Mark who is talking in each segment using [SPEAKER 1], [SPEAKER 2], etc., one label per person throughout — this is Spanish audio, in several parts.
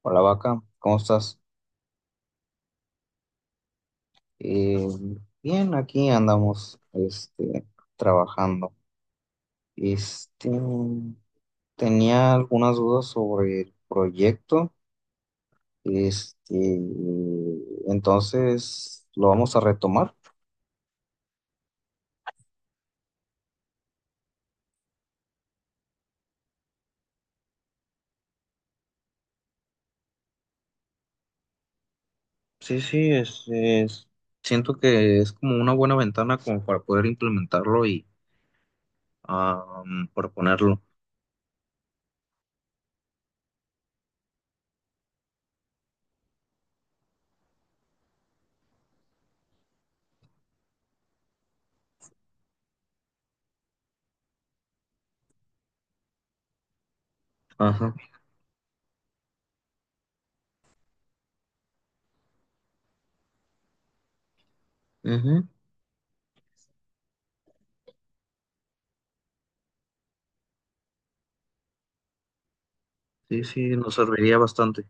[SPEAKER 1] Hola vaca, ¿cómo estás? Eh, bien, aquí andamos, trabajando. Este, tenía algunas dudas sobre el proyecto, este, entonces lo vamos a retomar. Sí, sí, siento que es como una buena ventana como para poder implementarlo y ah, proponerlo. Ajá. Ujú. Sí, sí, nos serviría bastante.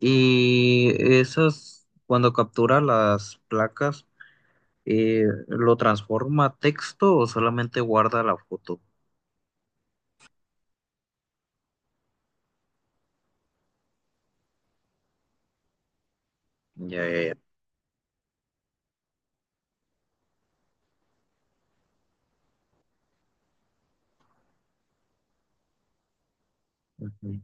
[SPEAKER 1] Y esas, cuando captura las placas, ¿lo transforma a texto o solamente guarda la foto? Ya, ya, ya. Ujú.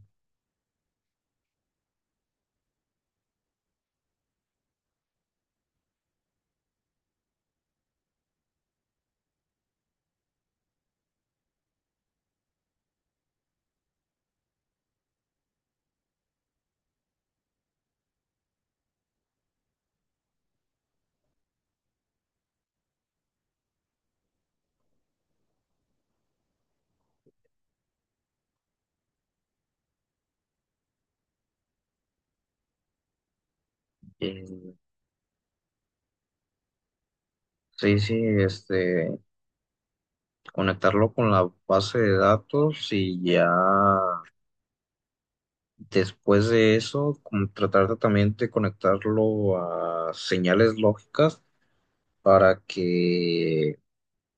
[SPEAKER 1] Eh, sí, sí, conectarlo con la base de datos y ya después de eso, como tratar de también de conectarlo a señales lógicas para que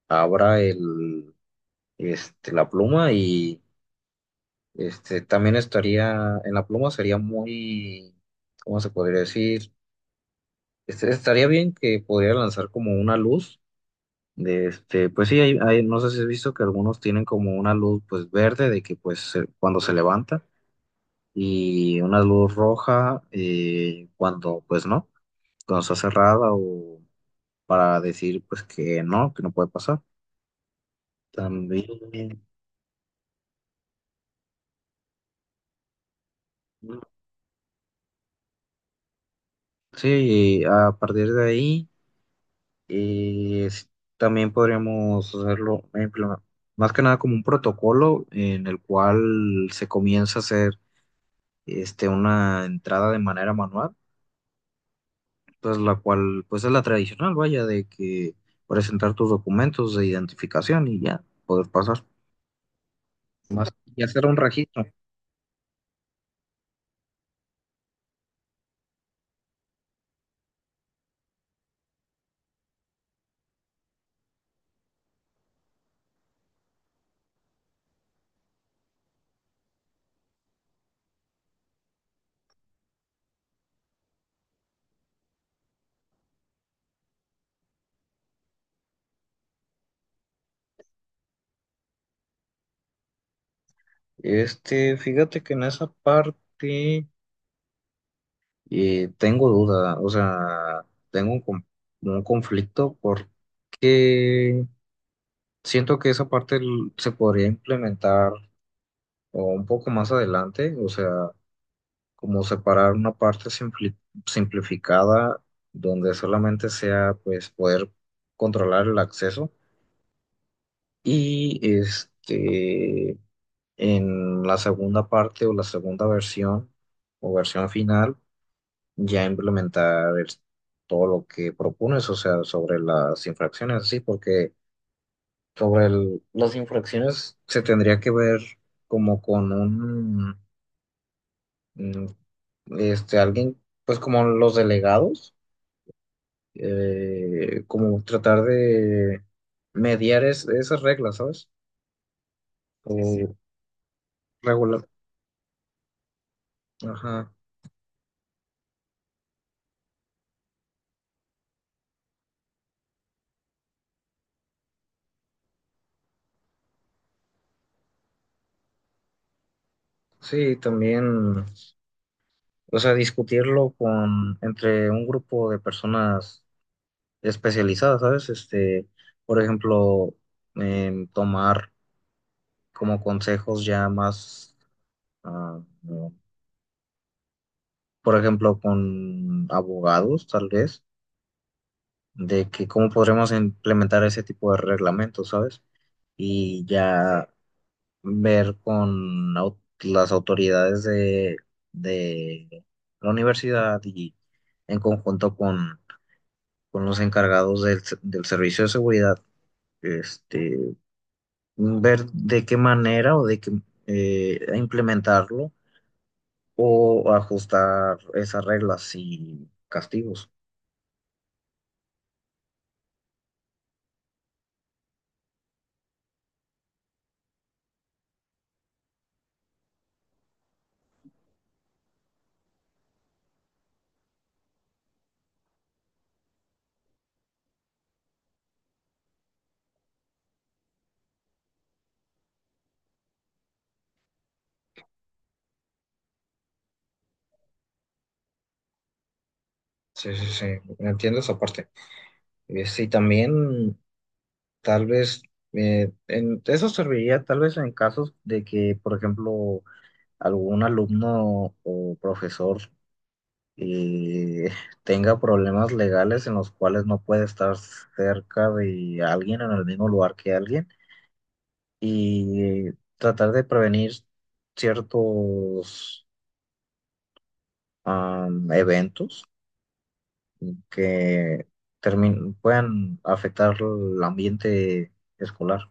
[SPEAKER 1] abra la pluma y también estaría, en la pluma sería muy, ¿cómo se podría decir? Estaría bien que podría lanzar como una luz. De pues sí, no sé si has visto que algunos tienen como una luz pues verde de que cuando se levanta y una luz roja cuando pues no, cuando está cerrada o para decir pues que no puede pasar. También, sí, a partir de ahí. Y es- también podríamos hacerlo, más que nada como un protocolo en el cual se comienza a hacer una entrada de manera manual, entonces la cual pues es la tradicional, vaya, de que presentar tus documentos de identificación y ya poder pasar. Más, y hacer un registro. Fíjate que en esa parte tengo duda, o sea, tengo un, con- un conflicto porque siento que esa parte se podría implementar o un poco más adelante, o sea, como separar una parte simplificada donde solamente sea pues poder controlar el acceso y en la segunda parte o la segunda versión o versión final ya todo lo que propones, o sea, sobre las infracciones, sí, porque las infracciones se tendría que ver como con un, mm, alguien, pues como los delegados, como tratar de mediar esas reglas, ¿sabes? Sí, sí. O regular, ajá. Sí, también, o sea, discutirlo con, entre un grupo de personas especializadas, ¿sabes? Por ejemplo, tomar como consejos ya más, ah, no, por ejemplo, con abogados, tal vez, de que cómo podremos implementar ese tipo de reglamentos, ¿sabes? Y ya ver con las autoridades de la universidad y en conjunto con los encargados del servicio de seguridad, este, ver de qué manera o de qué implementarlo o ajustar esas reglas y castigos. Sí, sí, sí, entiendo esa parte. Sí, también tal vez eso serviría tal vez en casos de que, por ejemplo, algún alumno o profesor eh, tenga problemas legales en los cuales no puede estar cerca de alguien en el mismo lugar que alguien y tratar de prevenir ciertos eventos. Que puedan afectar el ambiente escolar.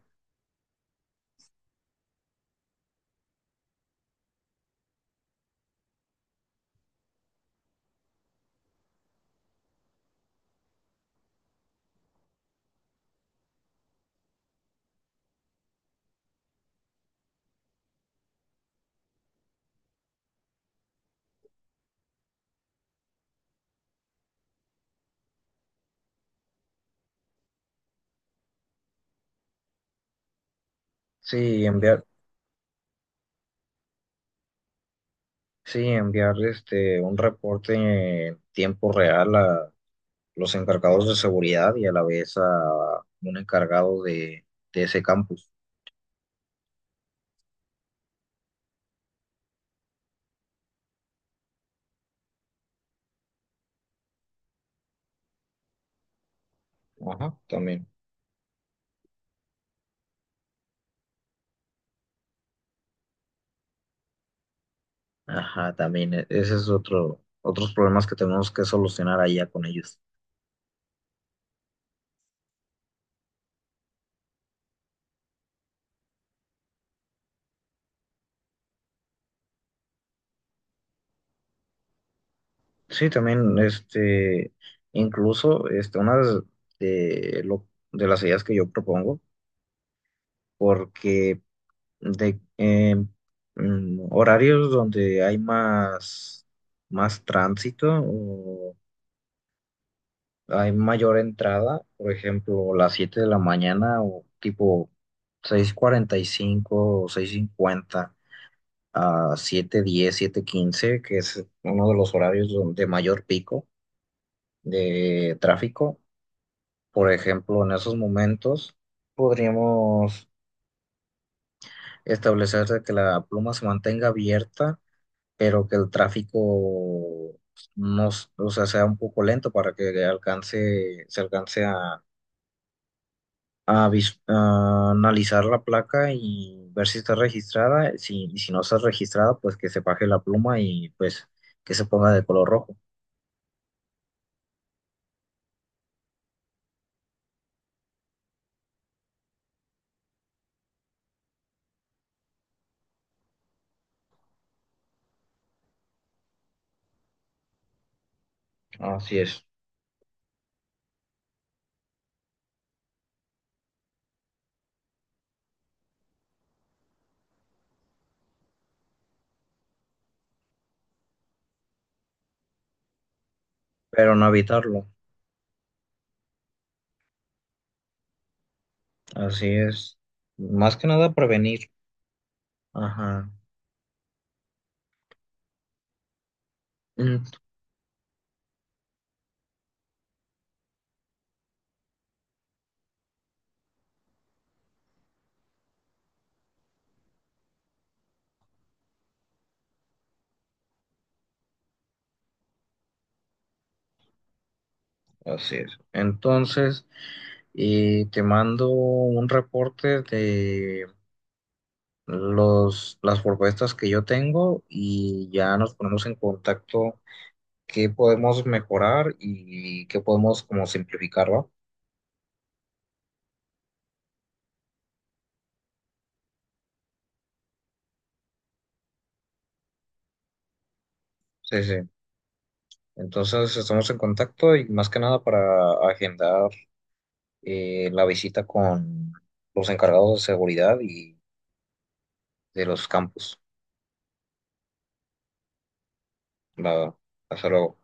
[SPEAKER 1] Sí, enviar, sí, enviar un reporte en tiempo real a los encargados de seguridad y a la vez a un encargado de ese campus. Ajá, también. Ajá, también. Ese es otro, otros problemas que tenemos que solucionar allá con ellos. Sí, también, incluso, una de lo, de las ideas que yo propongo, porque de horarios donde hay más, más tránsito o hay mayor entrada, por ejemplo, las 7 de la mañana o tipo 6:45, o 6:50 a 7:10, 7:15, que es uno de los horarios de mayor pico de tráfico. Por ejemplo, en esos momentos podríamos establecer de que la pluma se mantenga abierta pero que el tráfico pues, no, s- o sea, sea un poco lento para que alcance, se alcance a a analizar la placa y ver si está registrada. Si, y si no está registrada, pues que se baje la pluma y pues que se ponga de color rojo. Así es. Pero no evitarlo. Así es. Más que nada prevenir. Ajá. Mm. Así es. Entonces, te mando un reporte de los, las propuestas que yo tengo y ya nos ponemos en contacto qué podemos mejorar y qué podemos como simplificar, ¿va? Sí, sí. Entonces estamos en contacto y más que nada para agendar la visita con los encargados de seguridad y de los campus. Va, hasta luego.